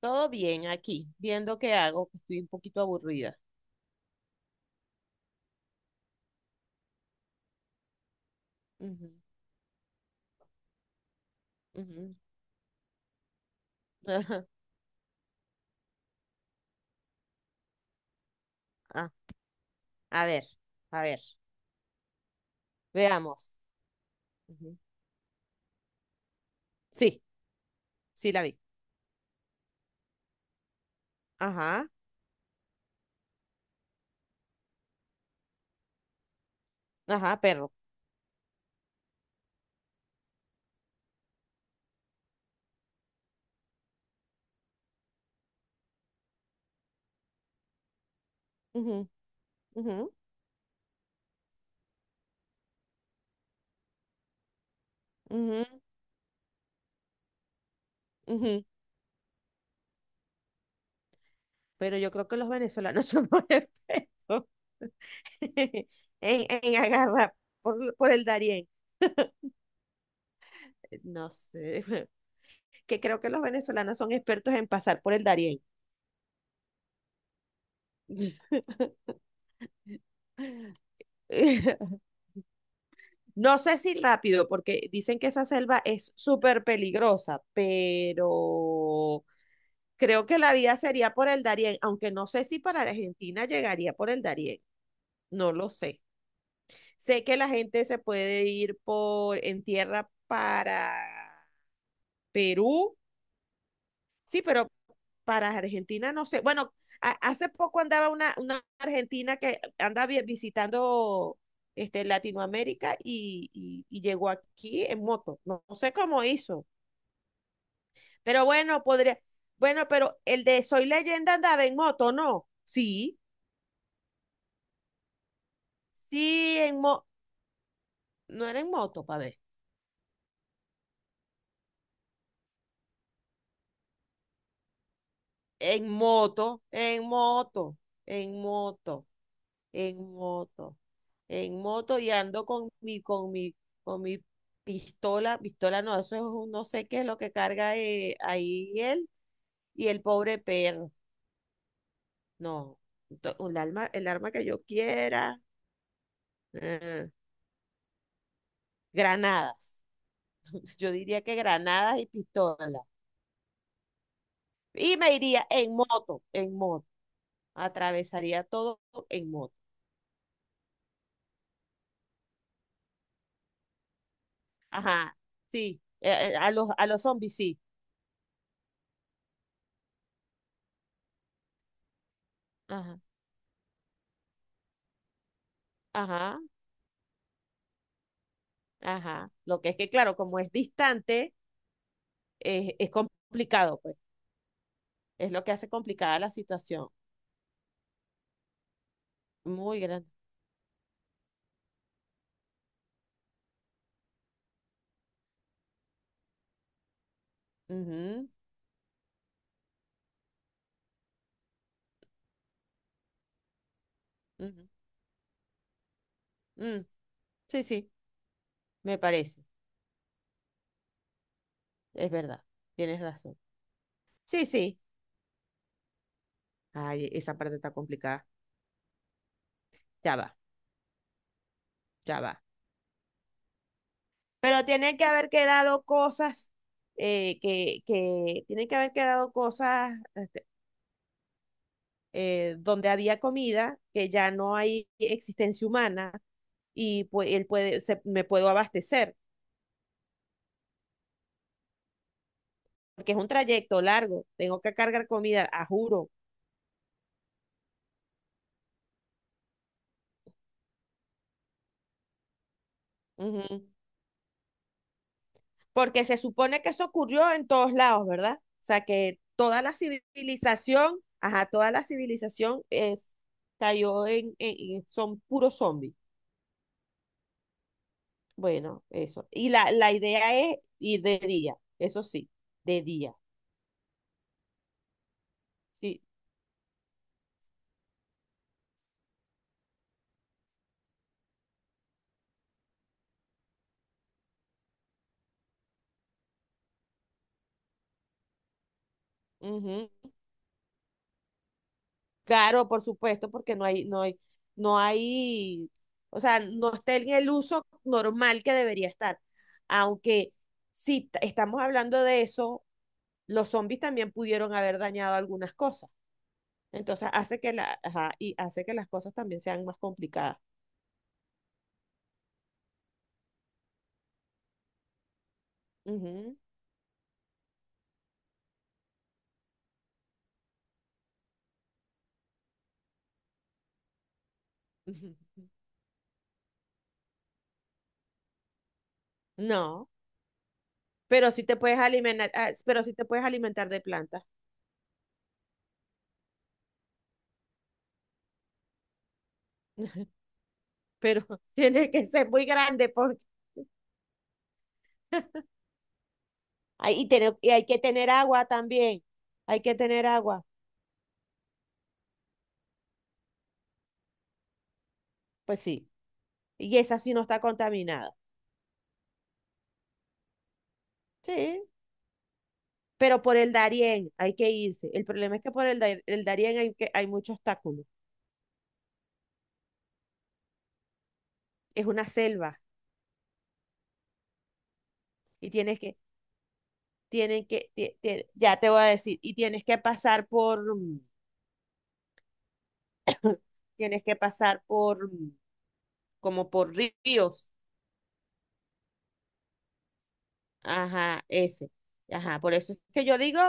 Todo bien aquí, viendo qué hago, que estoy un poquito aburrida. Ujú, ujú. Ah, a ver, a ver, veamos. Ujú. Sí, sí la vi. Ajá, ajá, perro. Ujú, ujú, ujú, ujú. Pero yo creo que los venezolanos somos expertos en, en agarrar por el Darién. No sé, que creo que los venezolanos son expertos en pasar por el Darién. No sé si rápido, porque dicen que esa selva es súper peligrosa, pero creo que la vía sería por el Darién, aunque no sé si para Argentina llegaría por el Darién, no lo sé. Sé que la gente se puede ir por en tierra para Perú. Sí, pero para Argentina no sé. Bueno, hace poco andaba una argentina que anda visitando este, Latinoamérica y llegó aquí en moto. No, no sé cómo hizo. Pero bueno, podría. Bueno, pero el de Soy Leyenda andaba en moto, ¿no? Sí, sí, en moto. No era en moto, pa' ver. En moto, en moto, en moto. En moto, en moto y ando con mi pistola, pistola no, eso es un no sé qué es lo que carga ahí él y el pobre perro. No, un arma, el arma que yo quiera, eh, granadas. Yo diría que granadas y pistola. Y me iría en moto, en moto. Atravesaría todo en moto. Ajá, sí. A los zombies, sí. Ajá, ajá. Ajá. Lo que es que, claro, como es distante, es complicado, pues. Es lo que hace complicada la situación. Muy grande. Ujú, ujú, mm. Sí, sí, me parece. Es verdad. Tienes razón. Sí, sí. Ay, esa parte está complicada. Ya va, ya va. Pero tienen que haber quedado cosas que tienen que haber quedado cosas donde había comida, que ya no hay existencia humana y pues él puede, me puedo abastecer. Porque es un trayecto largo, tengo que cargar comida, a juro. Ujú. Porque se supone que eso ocurrió en todos lados, ¿verdad? O sea, que toda la civilización, ajá, toda la civilización es, cayó en, son puros zombies. Bueno, eso. Y la idea es ir de día, eso sí, de día. Sí. Ujú. Claro, por supuesto, porque no hay, o sea, no está en el uso normal que debería estar. Aunque si t- estamos hablando de eso, los zombies también pudieron haber dañado algunas cosas. Entonces hace que la, ajá, y hace que las cosas también sean más complicadas. Ujú. Ujú. No, pero si te puedes alimentar, ah, pero si te puedes alimentar de plantas. Pero tiene que ser muy grande porque hay que tener agua también. Hay que tener agua. Pues sí. Y esa sí no está contaminada. Sí. Pero por el Darién hay que irse. El problema es que por el Darién hay, que, hay mucho obstáculo. Es una selva. Y tienes que, tienen que, tie- tie- ya te voy a decir, y tienes que pasar por, tienes que pasar por, como por ríos. Ajá, ese. Ajá, por eso es que yo digo,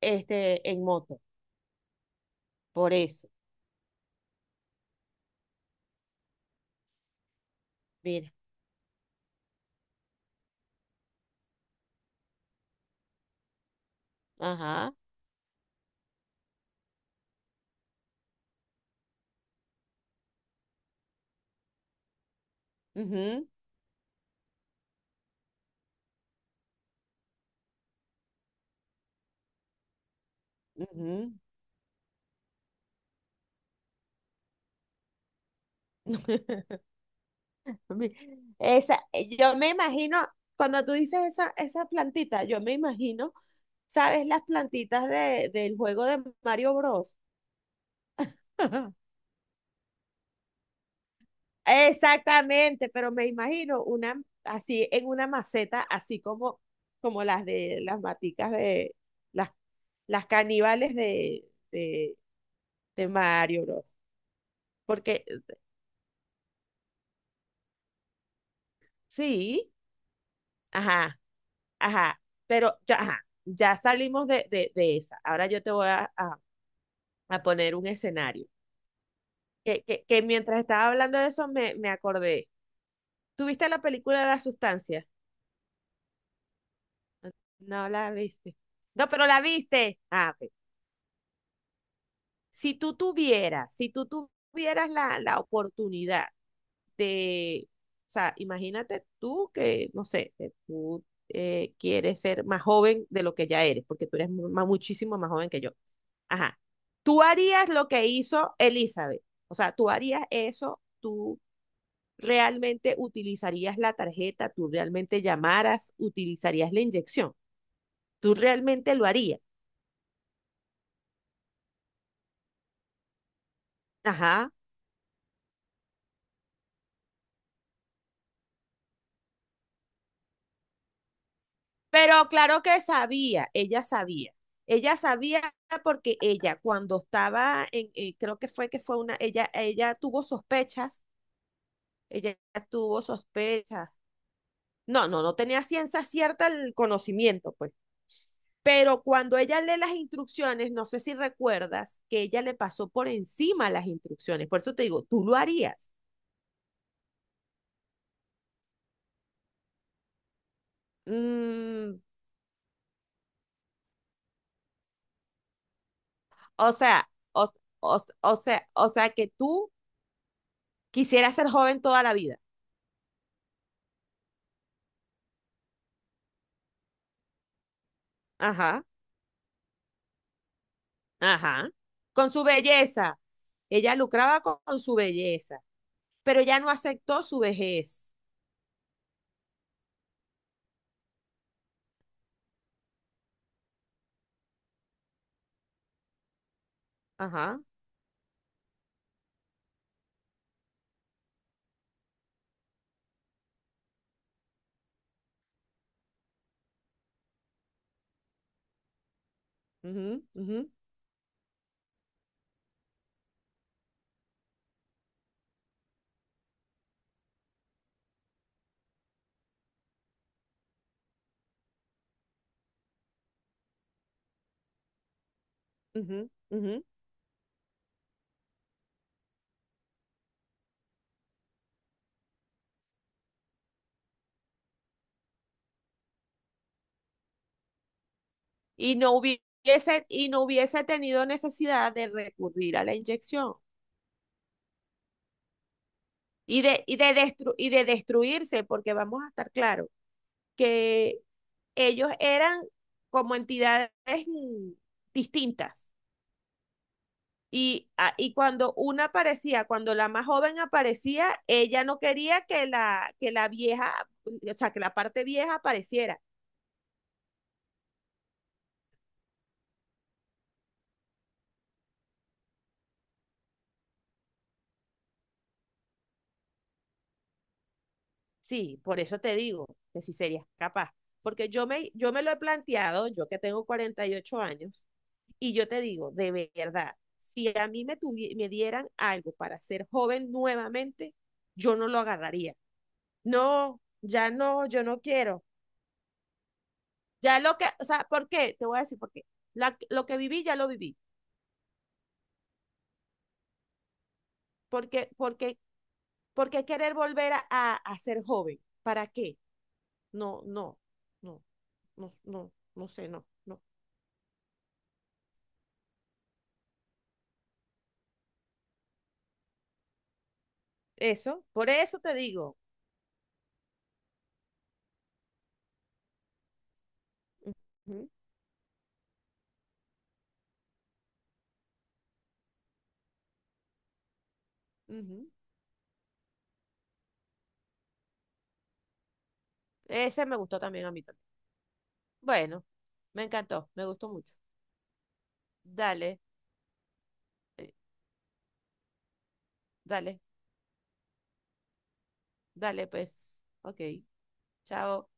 este, en moto. Por eso. Mira. Ajá. Ujú, ujú. Mi- Esa, yo me imagino, cuando tú dices esa plantita, yo me imagino, ¿sabes las plantitas de, del juego de Mario Bros? Exactamente, pero me imagino una así en una maceta, así como, como las de las maticas de las, las caníbales de Mario Bros. Porque sí, ajá, ajá, pero ya, ajá, ya salimos de esa. Ahora yo te voy a poner un escenario. Que mientras estaba hablando de eso me, me acordé. ¿Tuviste la película de La Sustancia? No la viste. No, pero la viste. Ah, ok. Si tú tuvieras la, la oportunidad de, o sea, imagínate tú que, no sé, que tú quieres ser más joven de lo que ya eres, porque tú muchísimo más joven que yo. Ajá. Tú harías lo que hizo Elizabeth. O sea, tú harías eso, tú realmente utilizarías la tarjeta, tú realmente llamaras, utilizarías la inyección, tú realmente lo harías. Ajá. Pero claro que sabía, ella sabía. Ella sabía porque ella cuando estaba en, creo que fue una, ella tuvo sospechas, ella tuvo sospechas. No, no, no tenía ciencia cierta el conocimiento, pues. Pero cuando ella lee las instrucciones, no sé si recuerdas que ella le pasó por encima las instrucciones. Por eso te digo, tú lo harías. Mm, o sea, o, o sea que tú quisieras ser joven toda la vida. Ajá. Ajá. Con su belleza. Ella lucraba con su belleza, pero ella no aceptó su vejez. Ajá. Ujú, ujú, ujú, ujú. Y no hubiese, y no hubiese tenido necesidad de recurrir a la inyección y de destruirse, porque vamos a estar claros que ellos eran como entidades mm, distintas. Y, y cuando una aparecía, cuando la más joven aparecía, ella no quería que la vieja, o sea, que la parte vieja apareciera. Sí, por eso te digo que si serías capaz. Porque yo me lo he planteado, yo que tengo 48 años, y yo te digo, de verdad, si a me dieran algo para ser joven nuevamente, yo no lo agarraría. No, ya no, yo no quiero. Ya lo que, o sea, ¿por qué? Te voy a decir por qué. Lo que viví, ya lo viví. Porque, porque, porque querer a ser joven. ¿Para qué? No, no, no, no, no, no sé, no, no. Eso, por eso te digo. Ujú, ujú. Ese me gustó también a mí también. Bueno, me encantó, me gustó mucho. Dale, eh, dale, dale, pues. Ok, chao.